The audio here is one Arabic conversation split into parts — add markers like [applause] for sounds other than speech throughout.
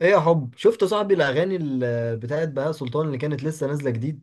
ايه يا حب، شفت صاحبي الاغاني بتاعت بهاء سلطان اللي كانت لسه نازله جديد؟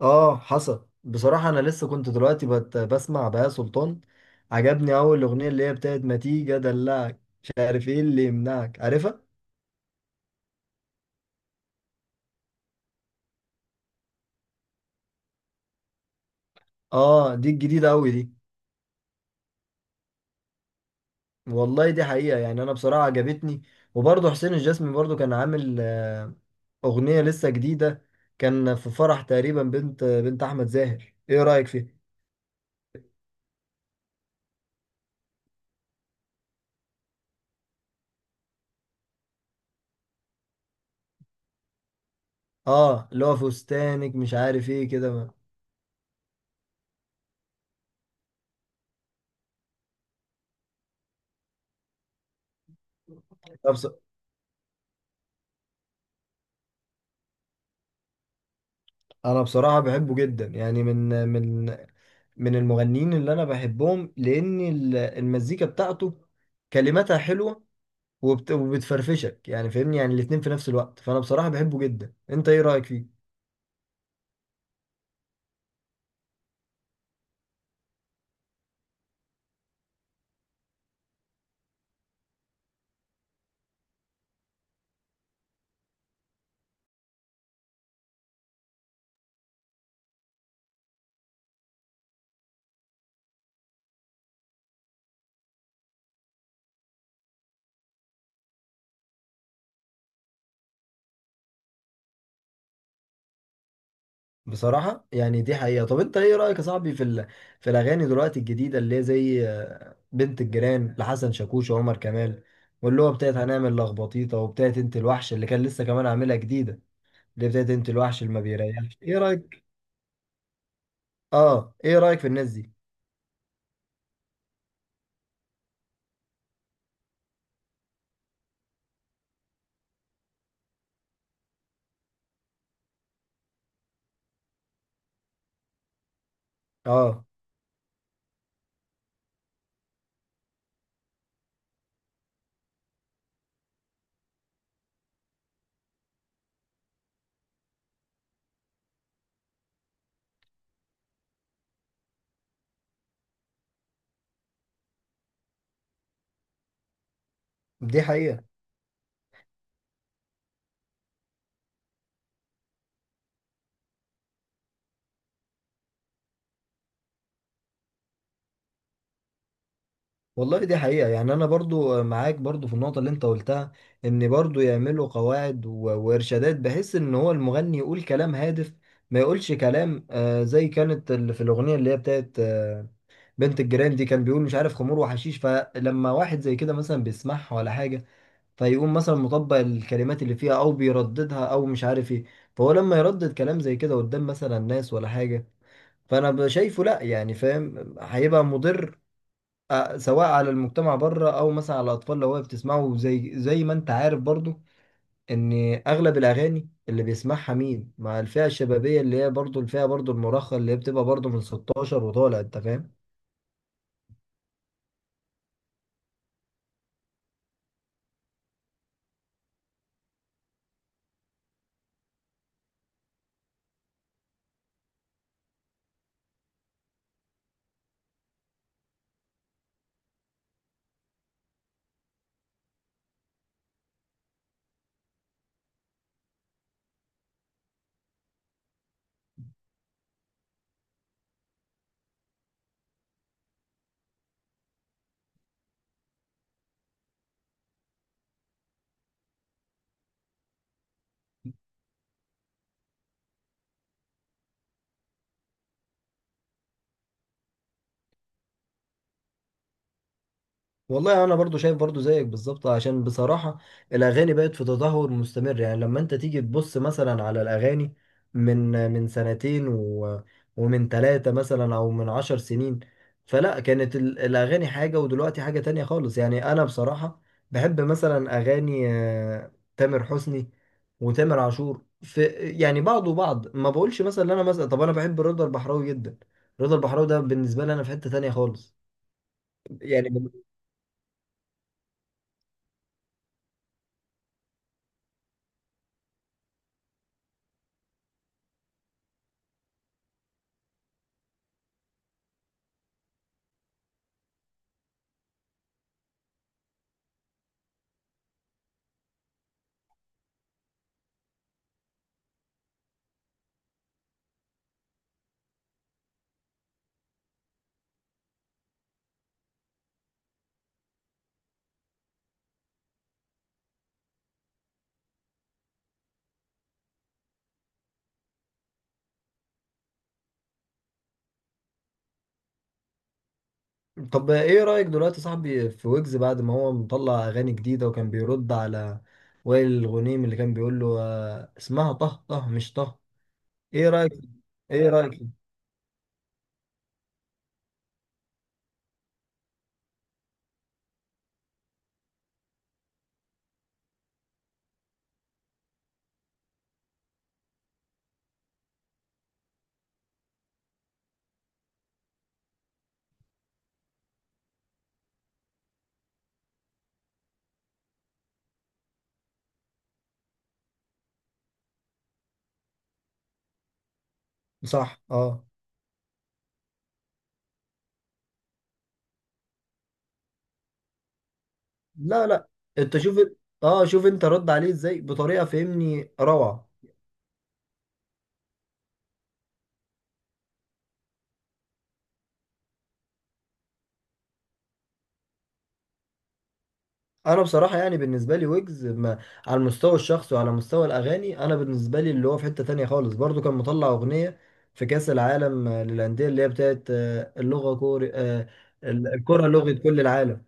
اه حصل. بصراحه انا لسه كنت دلوقتي بسمع بهاء سلطان. عجبني اول اغنيه، اللي هي بتاعت ما تيجي ادلعك مش عارف ايه اللي يمنعك، عارفها؟ اه دي الجديده قوي دي. والله دي حقيقه، يعني انا بصراحه عجبتني. وبرضه حسين الجسمي برضه كان عامل اغنيه لسه جديده. كان في فرح تقريبا، بنت احمد زاهر، ايه رايك فيها؟ اه اللي هو فستانك مش عارف ايه كده. انا بصراحه بحبه جدا، يعني من من المغنيين اللي انا بحبهم، لان المزيكا بتاعته كلماتها حلوه، وبتفرفشك، يعني فاهمني، يعني الاتنين في نفس الوقت. فانا بصراحه بحبه جدا. انت ايه رايك فيه؟ بصراحه يعني دي حقيقه. طب انت ايه رايك يا صاحبي في في الاغاني دلوقتي الجديده، اللي هي زي بنت الجيران لحسن شاكوش وعمر كمال، واللي هو بتاعت هنعمل لخبطيطه، وبتاعت انت الوحش اللي كان لسه كمان عاملها جديده، اللي هي بتاعت انت الوحش اللي ما بيريحش، ايه رايك؟ اه، ايه رايك في الناس دي؟ اه دي حقيقة. والله دي حقيقة، يعني انا برضو معاك برضو في النقطة اللي انت قلتها، ان برضو يعملوا قواعد وارشادات، بحيث ان هو المغني يقول كلام هادف، ما يقولش كلام زي كانت اللي في الاغنية اللي هي بتاعت بنت الجيران دي، كان بيقول مش عارف خمور وحشيش. فلما واحد زي كده مثلا بيسمعها ولا حاجة، فيقوم مثلا مطبق الكلمات اللي فيها، او بيرددها او مش عارف ايه. فهو لما يردد كلام زي كده قدام مثلا ناس ولا حاجة، فانا شايفه لا، يعني فاهم، هيبقى مضر، سواء على المجتمع بره، او مثلا على الاطفال، لو هي بتسمعه، زي ما انت عارف برضو، ان اغلب الاغاني اللي بيسمعها مين؟ مع الفئه الشبابيه، اللي هي برضو الفئه برضو المراهقه، اللي هي بتبقى برضو من 16 وطالع، انت فاهم. والله انا برضو شايف برضو زيك بالظبط، عشان بصراحة الاغاني بقت في تدهور مستمر، يعني لما انت تيجي تبص مثلا على الاغاني من سنتين، و ومن ثلاثة مثلا، او من عشر سنين، فلا كانت الاغاني حاجة، ودلوقتي حاجة تانية خالص. يعني انا بصراحة بحب مثلا اغاني تامر حسني وتامر عاشور. في يعني بعض وبعض، ما بقولش مثلا إن انا مثلا، طب انا بحب رضا البحراوي جدا. رضا البحراوي ده بالنسبة لي انا في حتة تانية خالص، يعني. طب ايه رأيك دلوقتي يا صاحبي في ويجز بعد ما هو مطلع اغاني جديدة، وكان بيرد على وائل الغنيم، اللي كان بيقول له اسمها طه طه مش طه؟ ايه رأيك؟ ايه رأيك؟ صح اه. لا لا. انت شوف، اه شوف انت رد عليه ازاي بطريقة فهمني روعة. انا بصراحه يعني بالنسبه لي ويجز، ما على المستوى الشخصي وعلى مستوى الاغاني، انا بالنسبه لي اللي هو في حته تانية خالص. برضو كان مطلع اغنيه في كاس العالم للانديه، اللي هي بتاعت اللغه كوري الكره لغه كل العالم.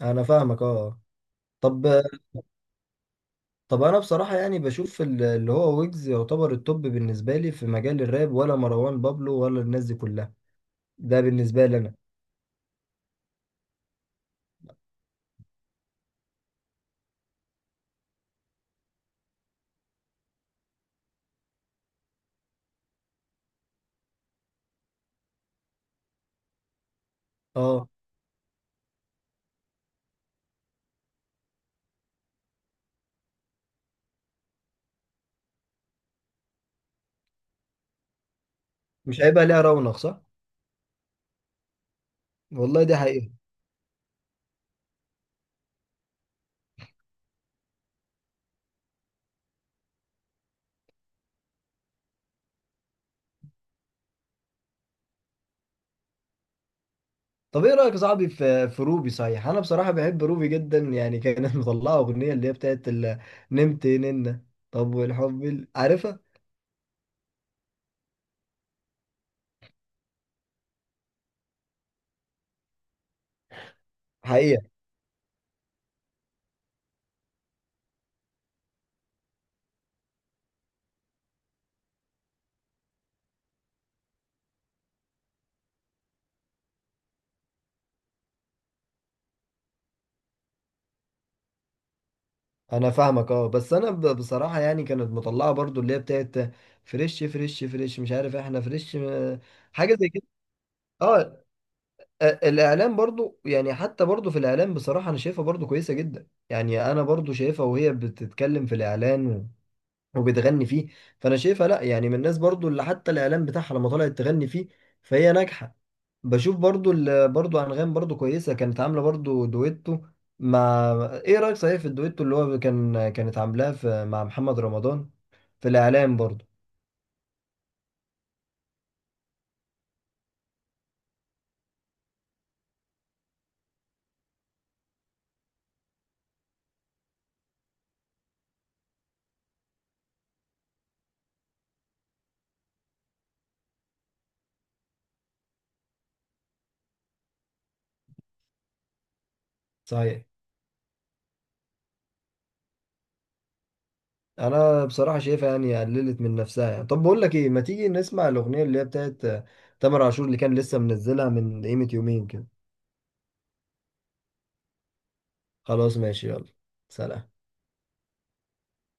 انا فاهمك اه. طب طب انا بصراحه يعني بشوف اللي هو ويجز يعتبر التوب بالنسبه لي في مجال الراب، ولا مروان بابلو ولا الناس دي كلها؟ ده بالنسبه لي انا. اه. مش هيبقى ليها رونق، صح؟ والله دي حقيقه. طب ايه رايك يا صاحبي في روبي؟ صحيح، انا بصراحه بحب روبي جدا، يعني كانت [laughs] مطلعه اغنيه اللي هي بتاعت نمت ننه. طب والحب عارفها؟ حقيقه. انا فاهمك اه. بس انا بصراحه يعني كانت مطلعه برضو اللي هي بتاعت فريش فريش فريش مش عارف، احنا فريش حاجه زي كده. اه. الاعلام برضو، يعني حتى برضو في الاعلام بصراحه انا شايفها برضو كويسه جدا، يعني انا برضو شايفها وهي بتتكلم في الاعلان وبتغني فيه، فانا شايفها لا، يعني من الناس برضو اللي حتى الاعلان بتاعها لما طلعت تغني فيه، فهي ناجحه. بشوف برضو برضو انغام برضو كويسه، كانت عامله برضو دويتو مع، ايه رايك صحيح في الدويتو اللي هو كانت عاملاه في مع محمد رمضان في الاعلان برضو؟ صحيح. انا بصراحه شايفها يعني قللت من نفسها، يعني. طب بقول لك ايه، ما تيجي نسمع الاغنيه اللي هي بتاعت تامر عاشور، اللي كان لسه منزلها من قيمه يومين كده؟ خلاص ماشي، يلا. سلام.